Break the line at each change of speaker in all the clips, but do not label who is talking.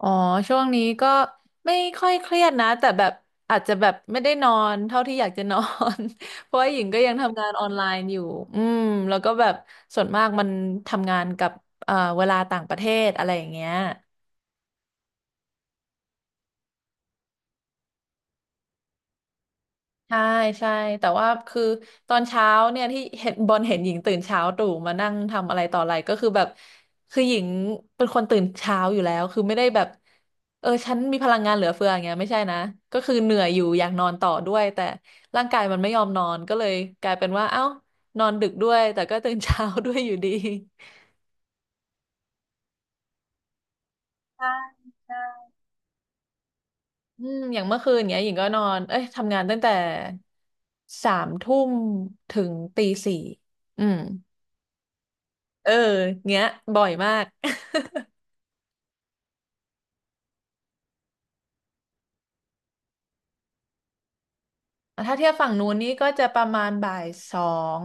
อ๋อช่วงนี้ก็ไม่ค่อยเครียดนะแต่แบบอาจจะแบบไม่ได้นอนเท่าที่อยากจะนอน เพราะว่าหญิงก็ยังทำงานออนไลน์อยู่อืมแล้วก็แบบส่วนมากมันทำงานกับเวลาต่างประเทศอะไรอย่างเงี้ย ใช่ใช่แต่ว่าคือตอนเช้าเนี่ยที่เห็นบอลเห็นหญิงตื่นเช้าตรู่มานั่งทำอะไรต่ออะไรก็คือแบบคือหญิงเป็นคนตื่นเช้าอยู่แล้วคือไม่ได้แบบเออฉันมีพลังงานเหลือเฟืออย่างเงี้ยไม่ใช่นะก็คือเหนื่อยอยู่อยากนอนต่อด้วยแต่ร่างกายมันไม่ยอมนอนก็เลยกลายเป็นว่าเอ้านอนดึกด้วยแต่ก็ตื่นเช้าด้วยอยู่ดี ใช่ใช่อืมอย่างเมื่อคืนเนี้ยหญิงก็นอนเอ้ยทำงานตั้งแต่สามทุ่มถึงตีสี่อืม เออเงี้ยบ่อยมาก ถ้าเทียบฝั่งนู้นนี่ก็จะประมาณบ่ายสอง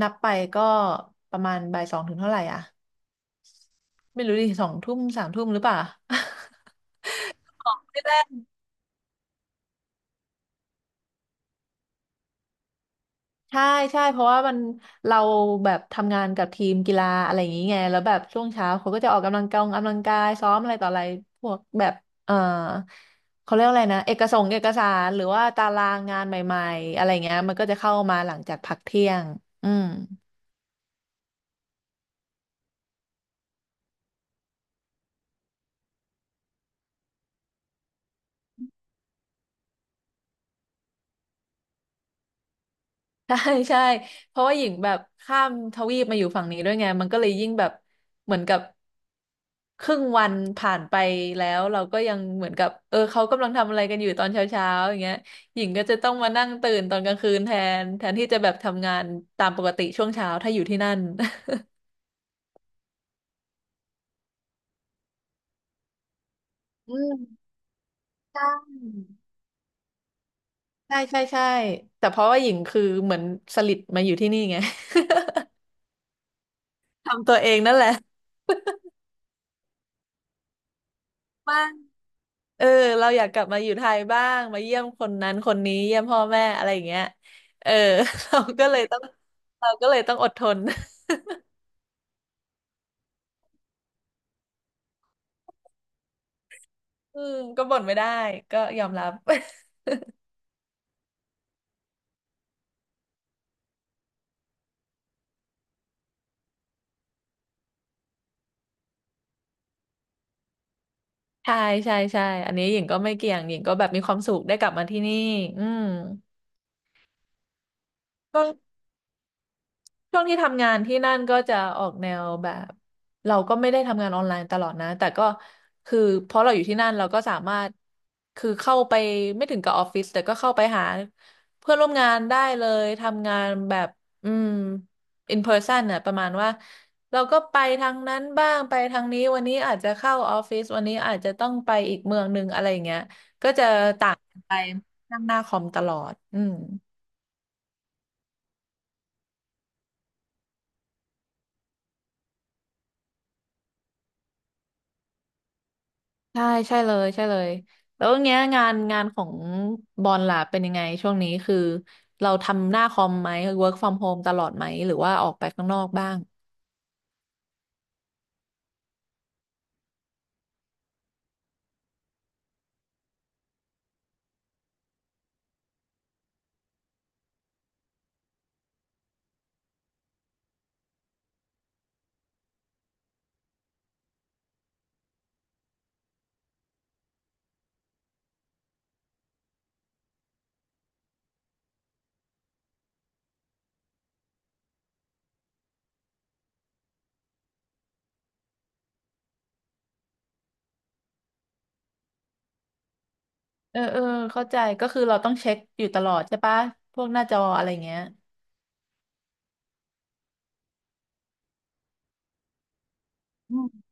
นับไปก็ประมาณบ่ายสองถึงเท่าไหร่อ่ะไม่รู้ดิสองทุ่มสามทุ่มหรือเปล่า ไม่แน่ ใช่ใช่เพราะว่ามันเราแบบทำงานกับทีมกีฬาอะไรอย่างงี้ไงแล้วแบบช่วงเช้าเขาก็จะออกกำลังกายออกกำลังกายซ้อมอะไรต่ออะไรพวกแบบ เออเขาเรียกว่าอะไรนะเอกสารหรือว่าตารางงานใหม่ๆอะไรเงี้ยมันก็จะเข้ามาหลังจากพักเที่ยงอืม ใช่ใช่เพราะว่าหญิงแบบข้ามทวีปมาอยู่ฝั่งนี้ด้วยไงมันก็เลยยิ่งแบบเหมือนกับครึ่งวันผ่านไปแล้วเราก็ยังเหมือนกับเออเขากำลังทำอะไรกันอยู่ตอนเช้าเช้าอย่างเงี้ยหญิงก็จะต้องมานั่งตื่นตอนกลางคืนแทนที่จะแบบทำงานตามปกติช่วงเช้าถ้าอยู่ที่นั่นอืมใช่ใช่ใช่ใช่แต่เพราะว่าหญิงคือเหมือนสลิดมาอยู่ที่นี่ไง ทำตัวเองนั่นแหละ เออเราอยากกลับมาอยู่ไทยบ้างมาเยี่ยมคนนั้นคนนี้เยี่ยมพ่อแม่อะไรอย่างเงี้ยเออ เราก็เลยต้องเราก็เลยต้องอดทน อืมก็บ่นไม่ได้ก็ยอมรับ ใช่ใช่ใช่อันนี้หญิงก็ไม่เกี่ยงหญิงก็แบบมีความสุขได้กลับมาที่นี่อืมก็ ช่วงที่ทำงานที่นั่นก็จะออกแนวแบบเราก็ไม่ได้ทำงานออนไลน์ตลอดนะแต่ก็คือเพราะเราอยู่ที่นั่นเราก็สามารถคือเข้าไปไม่ถึงกับออฟฟิศแต่ก็เข้าไปหาเพื่อนร่วมงานได้เลยทำงานแบบอืม in person น่ะประมาณว่าเราก็ไปทางนั้นบ้างไปทางนี้วันนี้อาจจะเข้าออฟฟิศวันนี้อาจจะต้องไปอีกเมืองหนึ่งอะไรอย่างเงี้ยก็จะต่างกันไปนั่งหน้าคอมตลอดอืม ใช่ใช่เลยใช่เลยแล้วเนี้ยงานของบอลล่ะเป็นยังไงช่วงนี้คือเราทำหน้าคอมไหม work from home ตลอดไหมหรือว่าออกไปข้างนอกบ้างเออเออเข้าใจก็คือเราต้องเช็คอยู่ตลอดใช่ปะพวกหน้าจออะไรเงี้ยอืม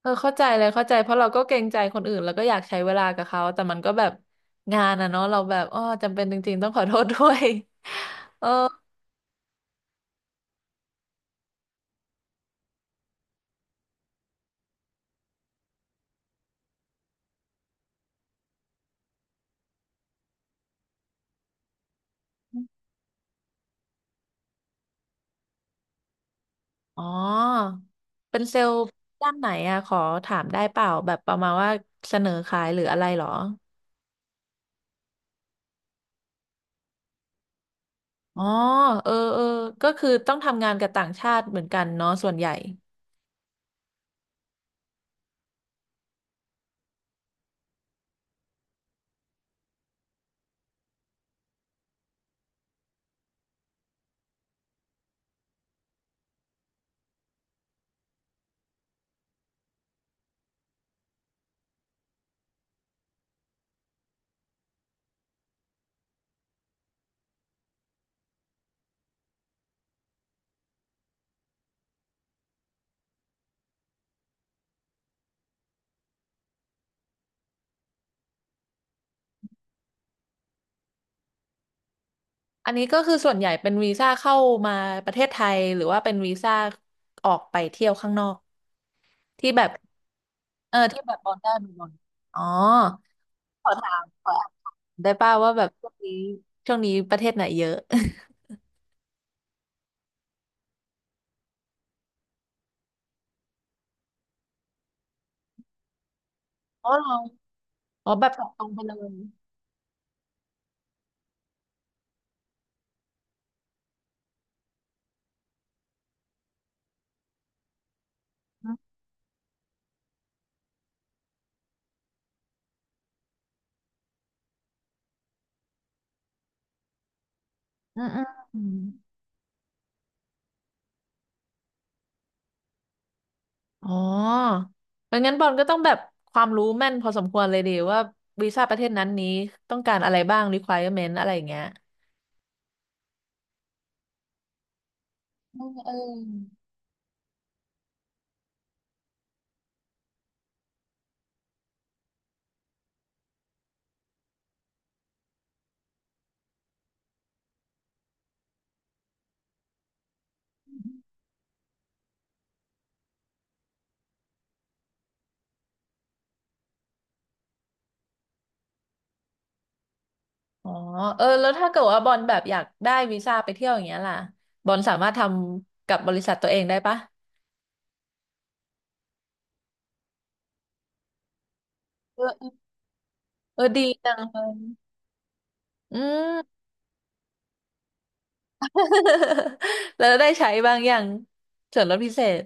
เออเข้าใจเลยเข้าใจเพราะเราก็เกรงใจคนอื่นแล้วก็อยากใช้เวลากับเขาแต่มันก็แบบงานอะเนาะเราแบบอ้อจำเป็นจริงๆต้องขอโทษด้วย เออ อ๋อเป็นเซลล์ด้านไหนอะขอถามได้เปล่าแบบประมาณว่าเสนอขายหรืออะไรเหรออ๋อเออเออก็คือต้องทำงานกับต่างชาติเหมือนกันเนาะส่วนใหญ่อันนี้ก็คือส่วนใหญ่เป็นวีซ่าเข้ามาประเทศไทยหรือว่าเป็นวีซ่าออกไปเที่ยวข้างนอกที่แบบเออที่แบบบอลได้บอลอ๋อขอถามได้ป่าวว่าแบบช่วงนี้ประเทศไหนเยอะ อ๋อเหรออ๋อแบบตอบตรงไปเลยอืมอืมอืม อ๋อมันงั้นบอลก็ต้องแบบความรู้แม่นพอสมควรเลยดีว่าวีซ่าประเทศนั้นนี้ต้องการอะไรบ้าง requirement อะไรอย่างเงี้ยเออเอออ๋อเออแล้วถ้าเกิดว่าบอลแบบอยากได้วีซ่าไปเที่ยวอย่างเงี้ยล่ะบอลสามารถทำกับบริษัทตัวเองได้ปะเออเออดีจังเลยอืม แล้วได้ใช้บางอย่างส่วนลดพิเศษ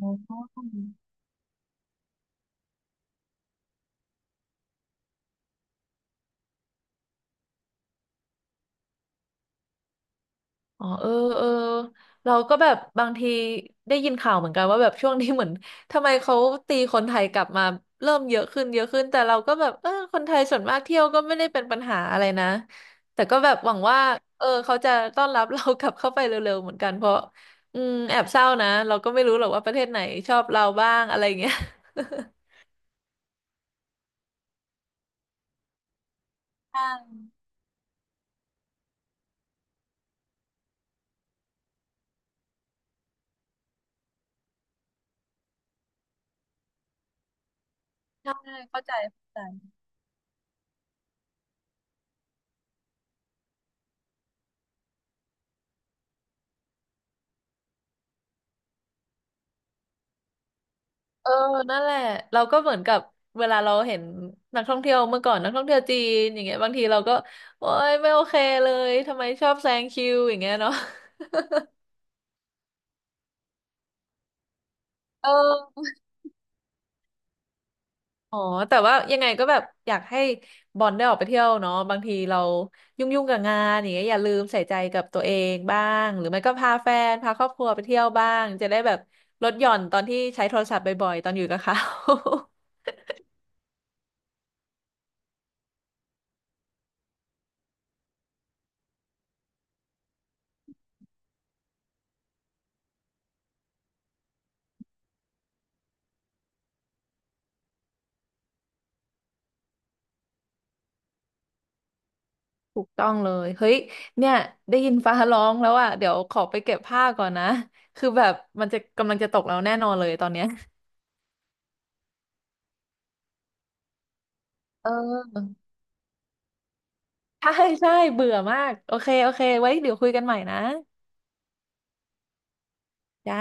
ออ อ๋อเออเออเราก็แบบบางทีได้ยินข่าวเหมือนกันว่าแบบช่วงนี้เหมือนทำไมเขาตีคนไทยกลับมาเริ่มเยอะขึ้นแต่เราก็แบบเออคนไทยส่วนมากเที่ยวก็ไม่ได้เป็นปัญหาอะไรนะแต่ก็แบบหวังว่าเออเขาจะต้อนรับเรากลับเข้าไปเร็วๆเหมือนกันเพราะอืมแอบเศร้านะเราก็ไม่รู้หรอกว่าประเทศไหนชอบเราบ้างอะไรอย่างเงี้ย ใช่ใช่เข้าใจเข้าใจ เออนั่นแหละเราก็เหมือนกับเวลาเราเห็นนักท่องเที่ยวเมื่อก่อนนักท่องเที่ยวจีนอย่างเงี้ยบางทีเราก็โอ๊ยไม่โอเคเลยทำไมชอบแซงคิวอย่างเงี้ยเนาะ เอออ๋อแต่ว่ายังไงก็แบบอยากให้บอลได้ออกไปเที่ยวเนาะบางทีเรายุ่งกับงานอย่างเงี้ยอย่าลืมใส่ใจกับตัวเองบ้างหรือไม่ก็พาแฟนพาครอบครัวไปเที่ยวบ้างจะได้แบบลดหย่อนตอนที่ใช้โทรศัพท์บ่อยๆตอนอยู่กับเขา ถูกต้องเลย เฮ้ย เนี่ย ได้ยินฟ้าร้องแล้วอ่ะเดี๋ยวขอไปเก็บผ้าก่อนนะ คือแบบมันจะกำลังจะตกแล้วแน่นอนเลยตอนเนี้ยเออ ใช่ใช่เบื่อมาก โอเคโอเคไว้เดี๋ยวคุยกันใหม่นะ จ้า